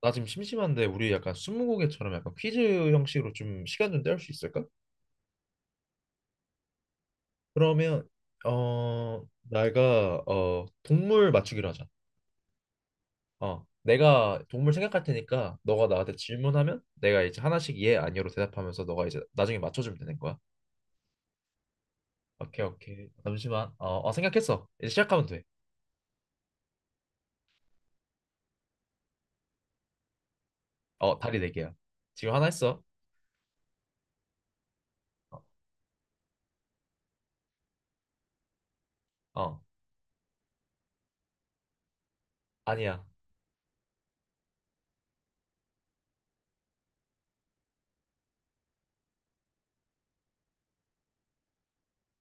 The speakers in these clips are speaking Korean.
나 지금 심심한데 우리 약간 스무고개처럼 약간 퀴즈 형식으로 좀 시간 좀 때울 수 있을까? 그러면 어 내가 동물 맞추기로 하자. 내가 동물 생각할 테니까 너가 나한테 질문하면 내가 이제 하나씩 예 아니요로 대답하면서 너가 이제 나중에 맞춰주면 되는 거야. 오케이, 오케이. 잠시만. 생각했어. 이제 시작하면 돼. 다리 네 개야. 지금 하나 했어. 어, 어 아니야.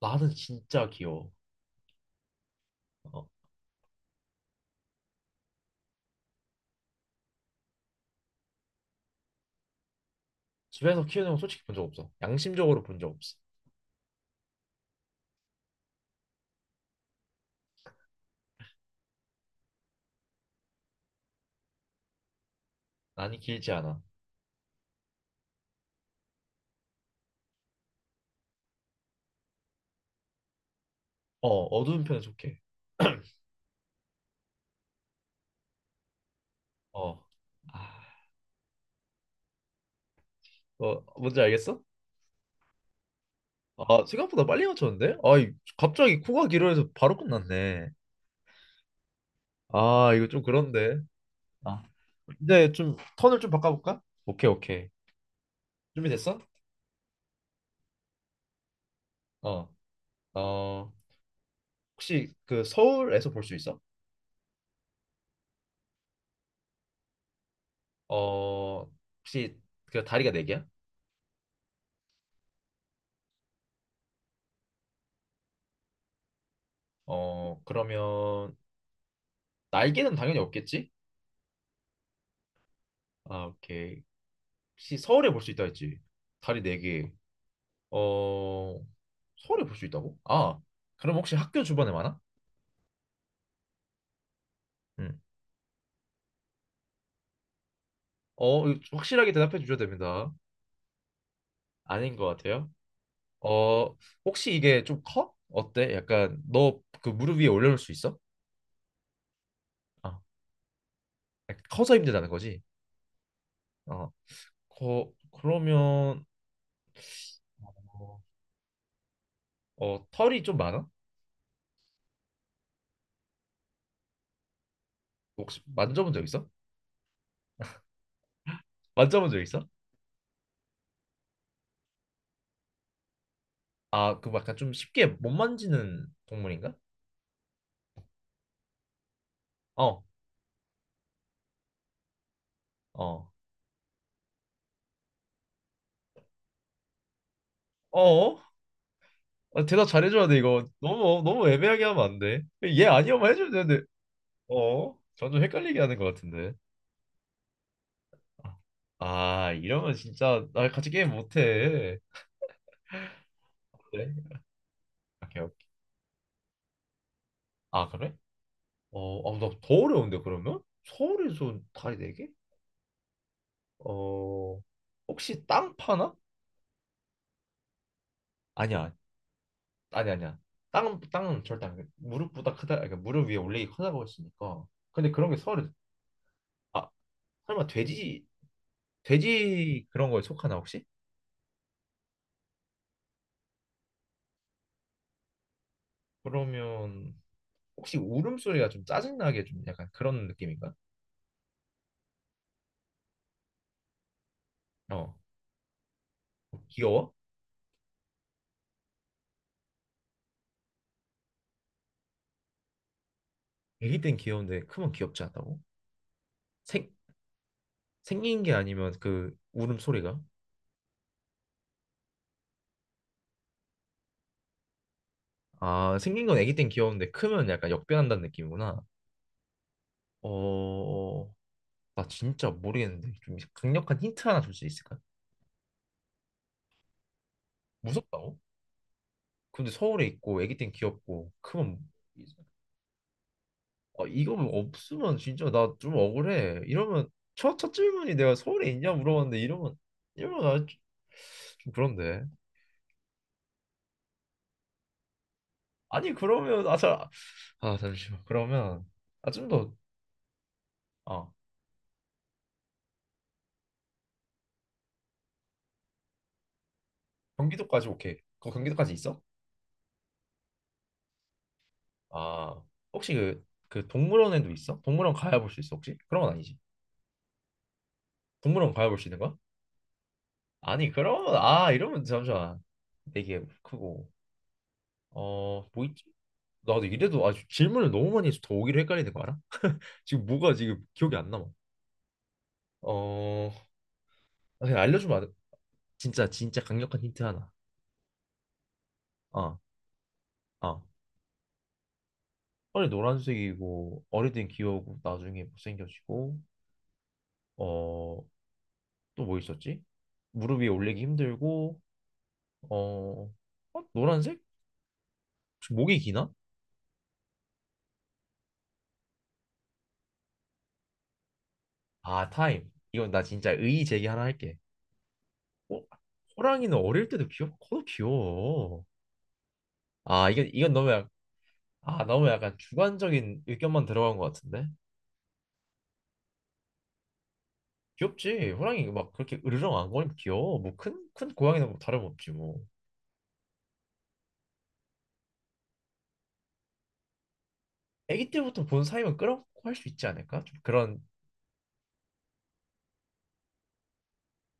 나는 진짜 귀여워. 어 집에서 키우는 거 솔직히 본 적 없어. 양심적으로 본 적 없어. 난이 길지 않아. 어, 어두운 편에 속해. 어. 아, 뭔지 알겠어? 아, 생각보다 빨리 맞췄는데? 아, 갑자기 코가 길어져서 바로 끝났네. 아, 이거 좀 그런데. 아. 이제 좀 턴을 좀 바꿔볼까? 오케이, 오케이. 준비됐어? 어. 어, 혹시 그 서울에서 볼 수 있어? 어, 혹시 그 다리가 네 개야? 그러면 날개는 당연히 없겠지? 아, 오케이. 혹시 서울에 볼 수 있다 했지? 다리 네 개. 어, 서울에 볼 수 있다고? 아, 그럼 혹시 학교 주변에 많아? 응. 이거 확실하게 대답해 주셔야 됩니다. 아닌 것 같아요. 어, 혹시 이게 좀 커? 어때? 약간 너 그 무릎 위에 올려놓을 수 있어? 아, 약간 커서 힘들다는 거지? 어, 그러면, 어, 털이 좀 많아? 혹시 만져본 적 있어? 만져본 적 있어? 아, 그 약간 좀 쉽게 못 만지는 동물인가? 어, 어, 어, 대답 잘해줘야 돼. 이거 너무 너무 애매하게 하면 안 돼. 얘 아니요만 해주면 되는데, 어? 점점 헷갈리게 하는 것 같은데. 아, 이러면 진짜 나 같이 게임 못해. 그래? 오케이, 오케이. 아, 그래? 나더 어려운데 그러면? 서울에서 다리 네 개? 어, 혹시 땅 파나? 아니야, 아니, 아니야. 땅은 절대 안 돼. 무릎보다 크다. 그러니까 무릎 위에 올리기 크다고 했으니까. 근데 그런 게 서울에, 아 설마 돼지, 돼지 그런 거에 속하나 혹시? 그러면 혹시 울음소리가 좀 짜증나게 좀 약간 그런 느낌인가? 어. 귀여워? 애기 땐 귀여운데 크면 귀엽지 않다고? 생, 생긴 게 아니면 그 울음소리가? 아, 생긴 건 애기 땐 귀여운데 크면 약간 역변한다는 느낌이구나. 어, 나 진짜 모르겠는데 좀 강력한 힌트 하나 줄 수 있을까? 무섭다고? 근데 서울에 있고 애기 땐 귀엽고 크면, 이거 뭐 없으면 진짜 나 좀 억울해. 이러면 첫 질문이 내가 서울에 있냐 물어봤는데, 이러면 이러면 나좀 그런데. 아니 그러면, 잠시만. 그러면 좀 더. 아 경기도까지, 오케이. 거 경기도까지 있어? 아 혹시 그 동물원에도 있어? 동물원 가야 볼 수 있어, 혹시? 그런 건 아니지? 동물원 가야 볼 수 있는 거야? 아니 그러면, 이러면 잠시만, 되게 크고, 뭐 있지? 나도 이래도 아주 질문을 너무 많이 해서 더 오기로 헷갈리는 거 알아? 지금 뭐가 지금 기억이 안 남아. 어 그냥 알려주면 안 돼? 진짜 진짜 강력한 힌트 하나. 어어 빨리 노란색이고 어릴 땐 귀여우고 나중에 못생겨지고, 어 또 뭐 있었지? 무릎 위에 올리기 힘들고, 어, 어? 노란색? 혹시 목이 기나? 아, 타임. 이건 나 진짜 의의 제기 하나 할게. 어? 호랑이는 어릴 때도 귀엽고 커도 귀여워. 아 이건 이건 너무 약, 아 너무 약간 주관적인 의견만 들어간 것 같은데. 귀엽지. 호랑이 막 그렇게 으르렁 안 거리면 귀여워. 뭐 큰 고양이는 뭐 다름없지 뭐. 아기 때부터 본 사이면 끌어안고 할 수 있지 않을까? 좀 그런.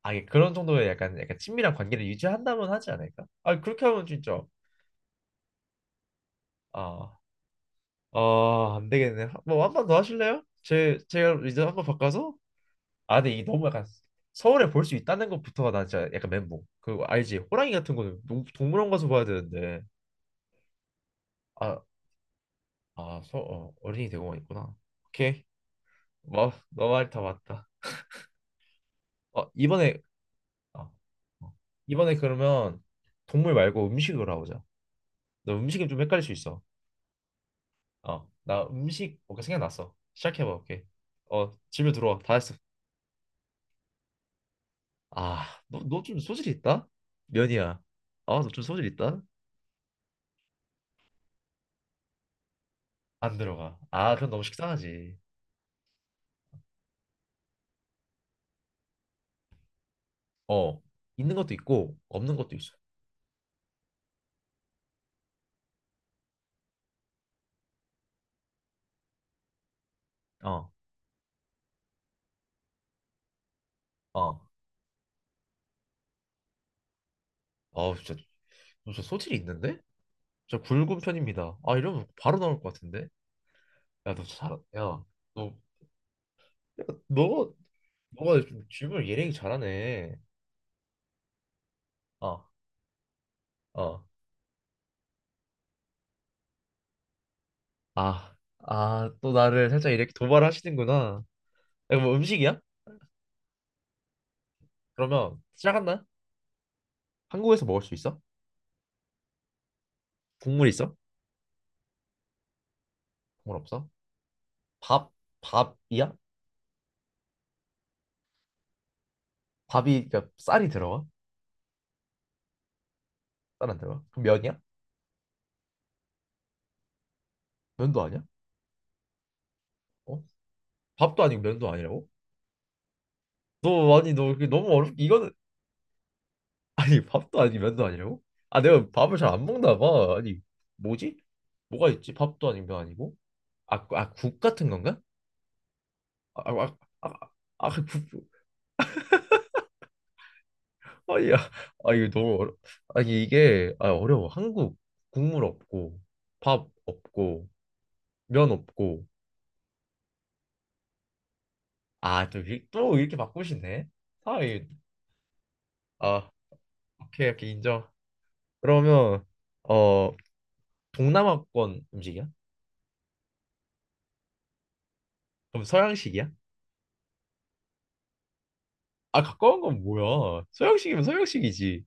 아, 예, 그런 정도의 약간 약간 친밀한 관계를 유지한다면 하지 않을까? 아, 그렇게 하면 진짜, 아, 안 되겠네. 뭐 한 번 더 하실래요? 제 제가 이제 한 번 바꿔서. 아, 근데 이게 너무 약간 서울에 볼 수 있다는 것부터가 나 진짜 약간 멘붕. 그 알지? 호랑이 같은 거는 동물원 가서 봐야 되는데. 아, 어린이 대공원 있구나. 오케이. 뭐, 너말 다 맞다. 이번에, 어, 어. 이번에 그러면 동물 말고 음식으로 하자. 너 음식이 좀 헷갈릴 수 있어. 나 음식 뭔가 생각났어. 시작해봐, 오케이. 질문 들어와. 다 했어. 아, 너 좀 소질 있다? 면이야. 아, 너 좀 소질 있다? 안 들어가. 아, 그럼 너무 식상하지. 어, 있는 것도 있고, 없는 것도 있어. 어, 어. 진짜, 너 진짜 소질이 있는데? 저 굵은 편입니다. 아, 이러면 바로 나올 것 같은데? 야, 너 잘, 야, 너, 야, 너, 너가 좀 질문을 예리하게 잘하네. 어, 어. 아, 또 나를 살짝 이렇게 도발하시는구나. 이거 뭐 음식이야? 그러면 시작한다. 한국에서 먹을 수 있어? 국물 있어? 국물 없어? 밥? 밥이야? 밥이, 그러니까 쌀이 들어가? 쌀 안 들어가? 그럼 면이야? 면도 아니야? 어? 밥도 아니고 면도 아니라고? 너, 아니, 너 이게 너무 어렵 이거는. 아니 밥도 아니고 면도 아니라고? 아, 내가 밥을 잘 안 먹나 봐. 아니 뭐지? 뭐가 있지? 밥도 아니고 면 아니고? 국 같은 건가? 아, 아, 아, 아, 그 국. 아, 야, 아, 이거 너무 이게, 어려워. 한국. 국물 없고, 밥 없고, 면 없고, 아, 또 이렇게 바꾸시네? 아, 아, 오케이, 오케이, 인정. 그러면, 어, 동남아권 음식이야? 그럼 서양식이야? 아, 가까운 건 뭐야? 서양식이면 서양식이지.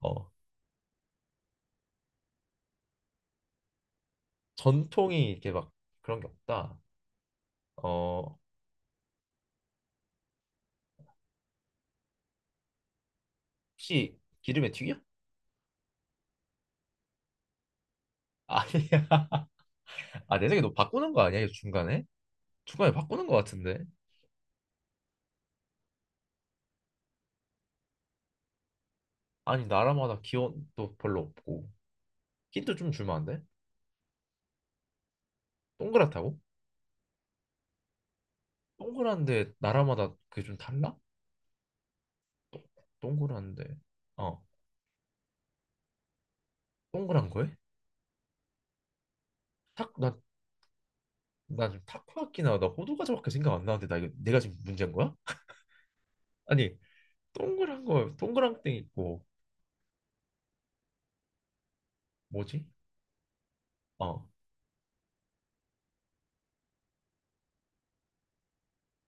어, 전통이 이렇게 막 그런 게 없다. 어, 혹시 기름에 튀겨? 아니야. 아, 내 생각에 너 바꾸는 거 아니야? 이거 중간에? 중간에 바꾸는 거 같은데? 아니 나라마다 기온도 별로 없고. 힌트 좀 주면 안 돼? 동그랗다고? 동그란데 나라마다 그게 좀 달라? 동- 동그란데. 어 동그란 거에? 탁나나금 타코야키나 나 호두과자밖에 생각 안 나는데, 나 이거 내가 지금 문제인 거야? 아니 동그란 거, 동그란 땡 있고. 뭐지? 어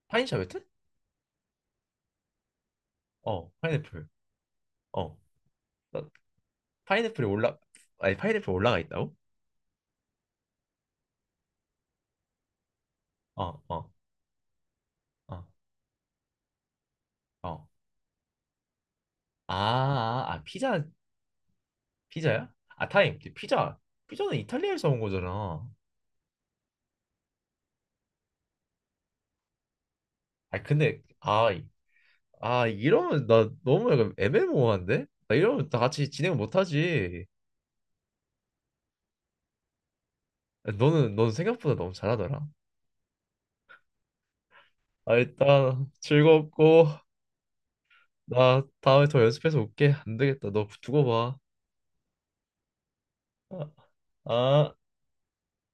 파인 샤베트? 파인애플. 어나 파인애플이 올라. 아니 파인애플 올라가 있다고? 어, 어, 어, 어, 아아 아, 피자. 피자야? 아, 타임. 피자. 피자는 이탈리아에서 온 거잖아. 아 근데, 아 이러면 나 너무 약간 애매모호한데? 나 이러면 다 같이 진행 못하지. 너는, 넌 생각보다 너무 잘하더라. 아, 일단 즐겁고. 나 다음에 더 연습해서 올게. 안 되겠다. 너 두고 봐. 아. 아.